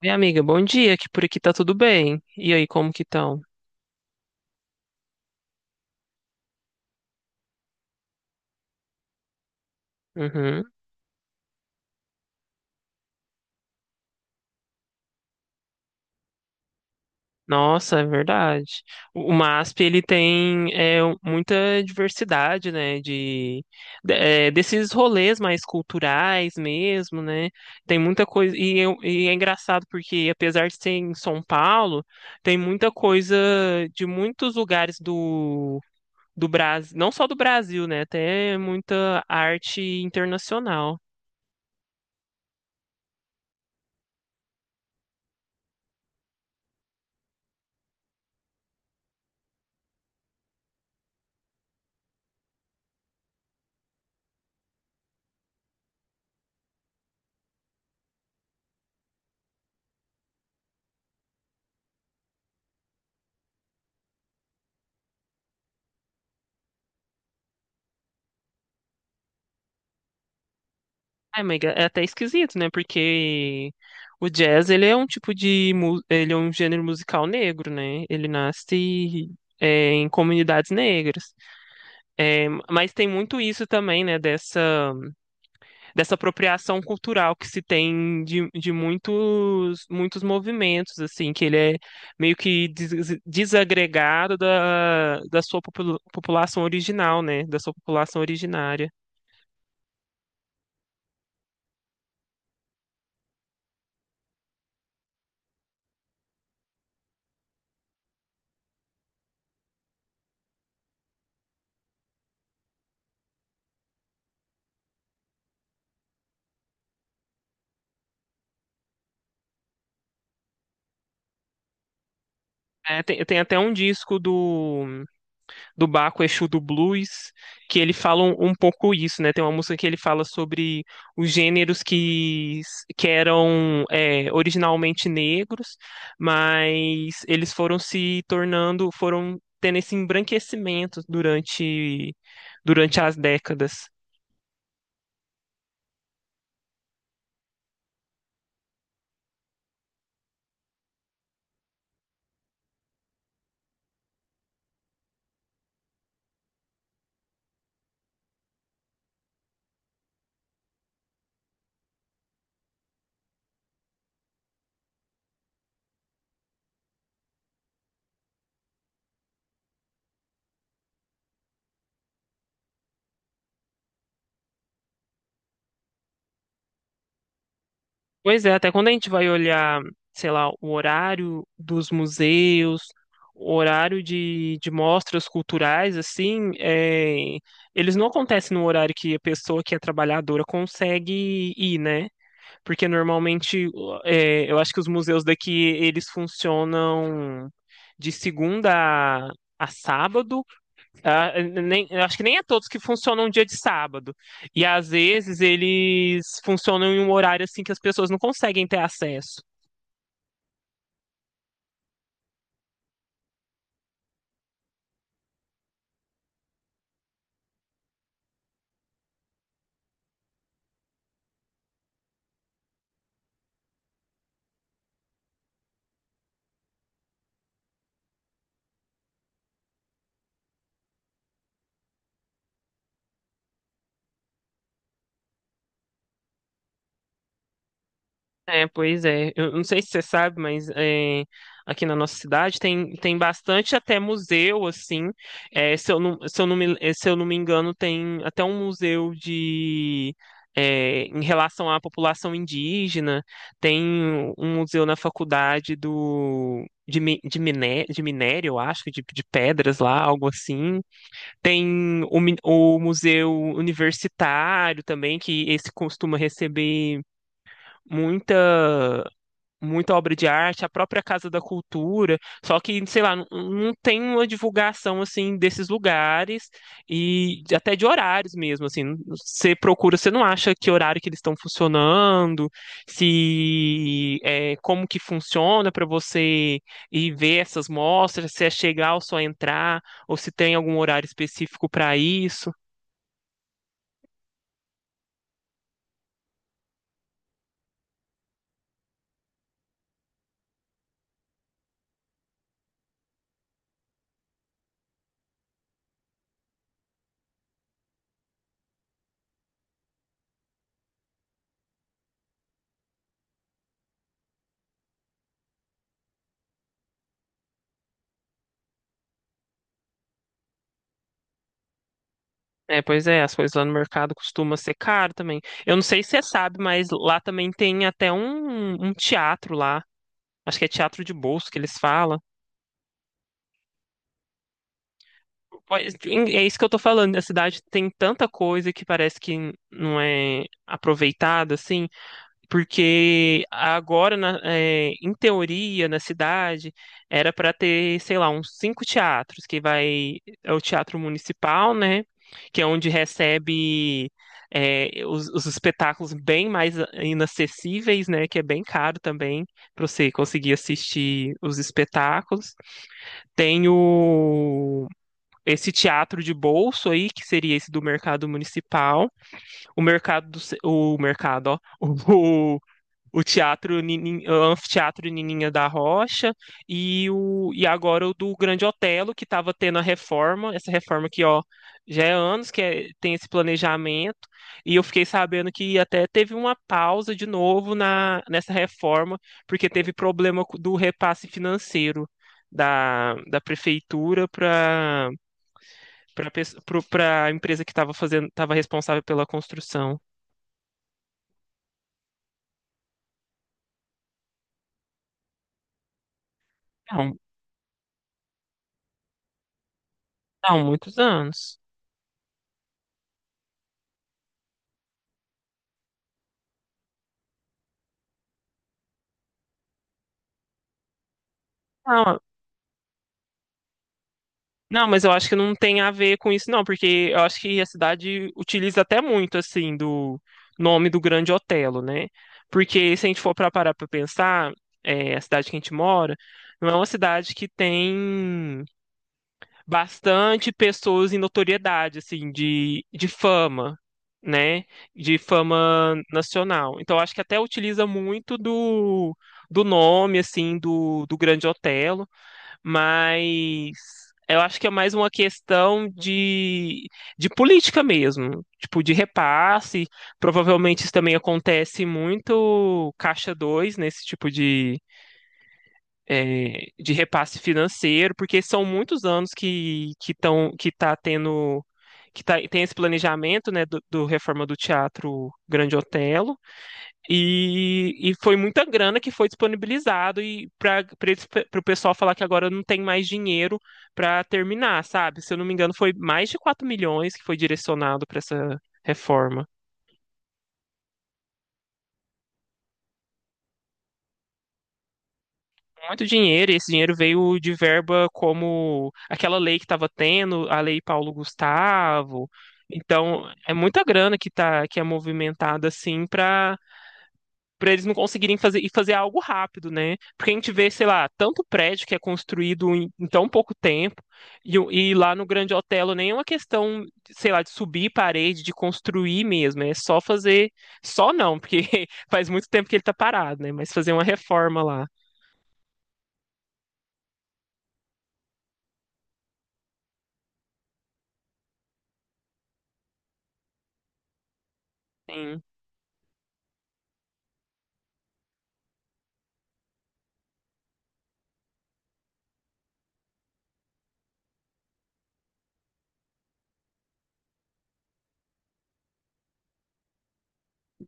Minha amiga, bom dia, que por aqui tá tudo bem. E aí, como que estão? Uhum. Nossa, é verdade. O MASP, ele tem muita diversidade, né, de, desses rolês mais culturais mesmo, né, tem muita coisa, e é engraçado porque, apesar de ser em São Paulo, tem muita coisa de muitos lugares do, do Brasil, não só do Brasil, né, até muita arte internacional. É, mas é até esquisito, né? Porque o jazz, ele é um tipo de, ele é um gênero musical negro, né? Ele nasce em comunidades negras. É, mas tem muito isso também, né? Dessa, dessa apropriação cultural que se tem de muitos, muitos movimentos, assim, que ele é meio que desagregado da, da sua população original, né? Da sua população originária. É, tem até um disco do do Baco Exu do Blues, que ele fala um pouco isso, né? Tem uma música que ele fala sobre os gêneros que eram originalmente negros, mas eles foram se tornando, foram tendo esse embranquecimento durante, durante as décadas. Pois é, até quando a gente vai olhar, sei lá, o horário dos museus, o horário de mostras culturais, assim, eles não acontecem no horário que a pessoa que é trabalhadora consegue ir, né? Porque normalmente, eu acho que os museus daqui, eles funcionam de segunda a, a sábado. Ah, nem, eu acho que nem é todos que funcionam um dia de sábado. E às vezes eles funcionam em um horário assim que as pessoas não conseguem ter acesso. É, pois é. Eu não sei se você sabe, mas aqui na nossa cidade tem, tem bastante até museu, assim. É, se eu não me engano, tem até um museu de em relação à população indígena. Tem um museu na faculdade do de, de, de minério, eu acho, de pedras lá, algo assim. Tem o, o museu universitário também, que esse costuma receber muita muita obra de arte, a própria Casa da Cultura, só que, sei lá, não, não tem uma divulgação assim desses lugares e até de horários mesmo, assim, você procura, você não acha que horário que eles estão funcionando, se é, como que funciona para você ir ver essas mostras, se é chegar ou só entrar, ou se tem algum horário específico para isso. É, pois é, as coisas lá no mercado costumam ser caro também. Eu não sei se você sabe, mas lá também tem até um teatro lá. Acho que é teatro de bolso que eles falam. Pois, é isso que eu tô falando. A cidade tem tanta coisa que parece que não é aproveitada, assim. Porque agora, em teoria, na cidade, era para ter, sei lá, uns cinco teatros, que vai, é o Teatro Municipal, né? Que é onde recebe, os espetáculos bem mais inacessíveis, né? Que é bem caro também para você conseguir assistir os espetáculos. Tem o, esse teatro de bolso aí, que seria esse do Mercado Municipal. O mercado do, o mercado, ó, o o teatro, o anfiteatro Nininha da Rocha e o, e agora o do Grande Otelo, que estava tendo a reforma, essa reforma que ó, já é anos que tem esse planejamento, e eu fiquei sabendo que até teve uma pausa de novo na, nessa reforma porque teve problema do repasse financeiro. Da, da prefeitura para para a empresa que estava fazendo, estava responsável pela construção. Não, não, muitos anos. Não, não, mas eu acho que não tem a ver com isso, não, porque eu acho que a cidade utiliza até muito, assim, do nome do Grande Otelo, né? Porque se a gente for para parar para pensar, a cidade que a gente mora não é uma cidade que tem bastante pessoas em notoriedade, assim, de fama, né? De fama nacional. Então, eu acho que até utiliza muito do, do nome, assim, do, do Grande Otelo. Mas eu acho que é mais uma questão de política mesmo, tipo de repasse. Provavelmente isso também acontece muito caixa 2 nesse tipo de, de repasse financeiro, porque são muitos anos que que tá tendo, que tá, tem esse planejamento, né, do, do reforma do Teatro Grande Otelo. E foi muita grana que foi disponibilizado, e para o pessoal falar que agora não tem mais dinheiro para terminar, sabe? Se eu não me engano, foi mais de 4 milhões que foi direcionado para essa reforma. Muito dinheiro, e esse dinheiro veio de verba como aquela lei que estava tendo, a Lei Paulo Gustavo. Então, é muita grana que tá, que é movimentada assim para para eles não conseguirem fazer e fazer algo rápido, né? Porque a gente vê, sei lá, tanto prédio que é construído em, em tão pouco tempo, e, e lá no Grande Otelo nem é uma questão, sei lá, de subir parede, de construir mesmo, é só fazer, só não, porque faz muito tempo que ele tá parado, né? Mas fazer uma reforma lá. Sim.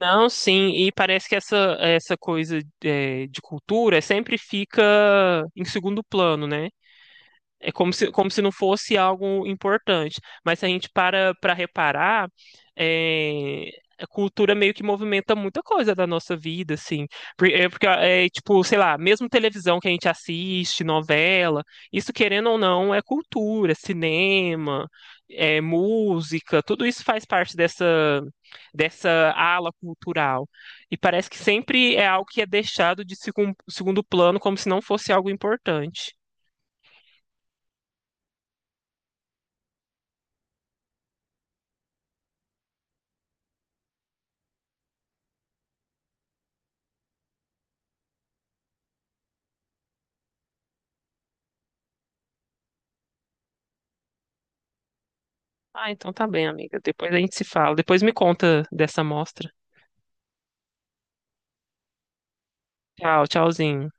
Não, sim, e parece que essa coisa de cultura sempre fica em segundo plano, né? É como se não fosse algo importante. Mas se a gente para para reparar, é, a cultura meio que movimenta muita coisa da nossa vida, assim. É porque, tipo, sei lá, mesmo televisão que a gente assiste, novela, isso querendo ou não é cultura, cinema, é música, tudo isso faz parte dessa, dessa ala cultural. E parece que sempre é algo que é deixado de segundo plano, como se não fosse algo importante. Ah, então tá bem, amiga. Depois a gente se fala. Depois me conta dessa amostra. Tchau, tchauzinho.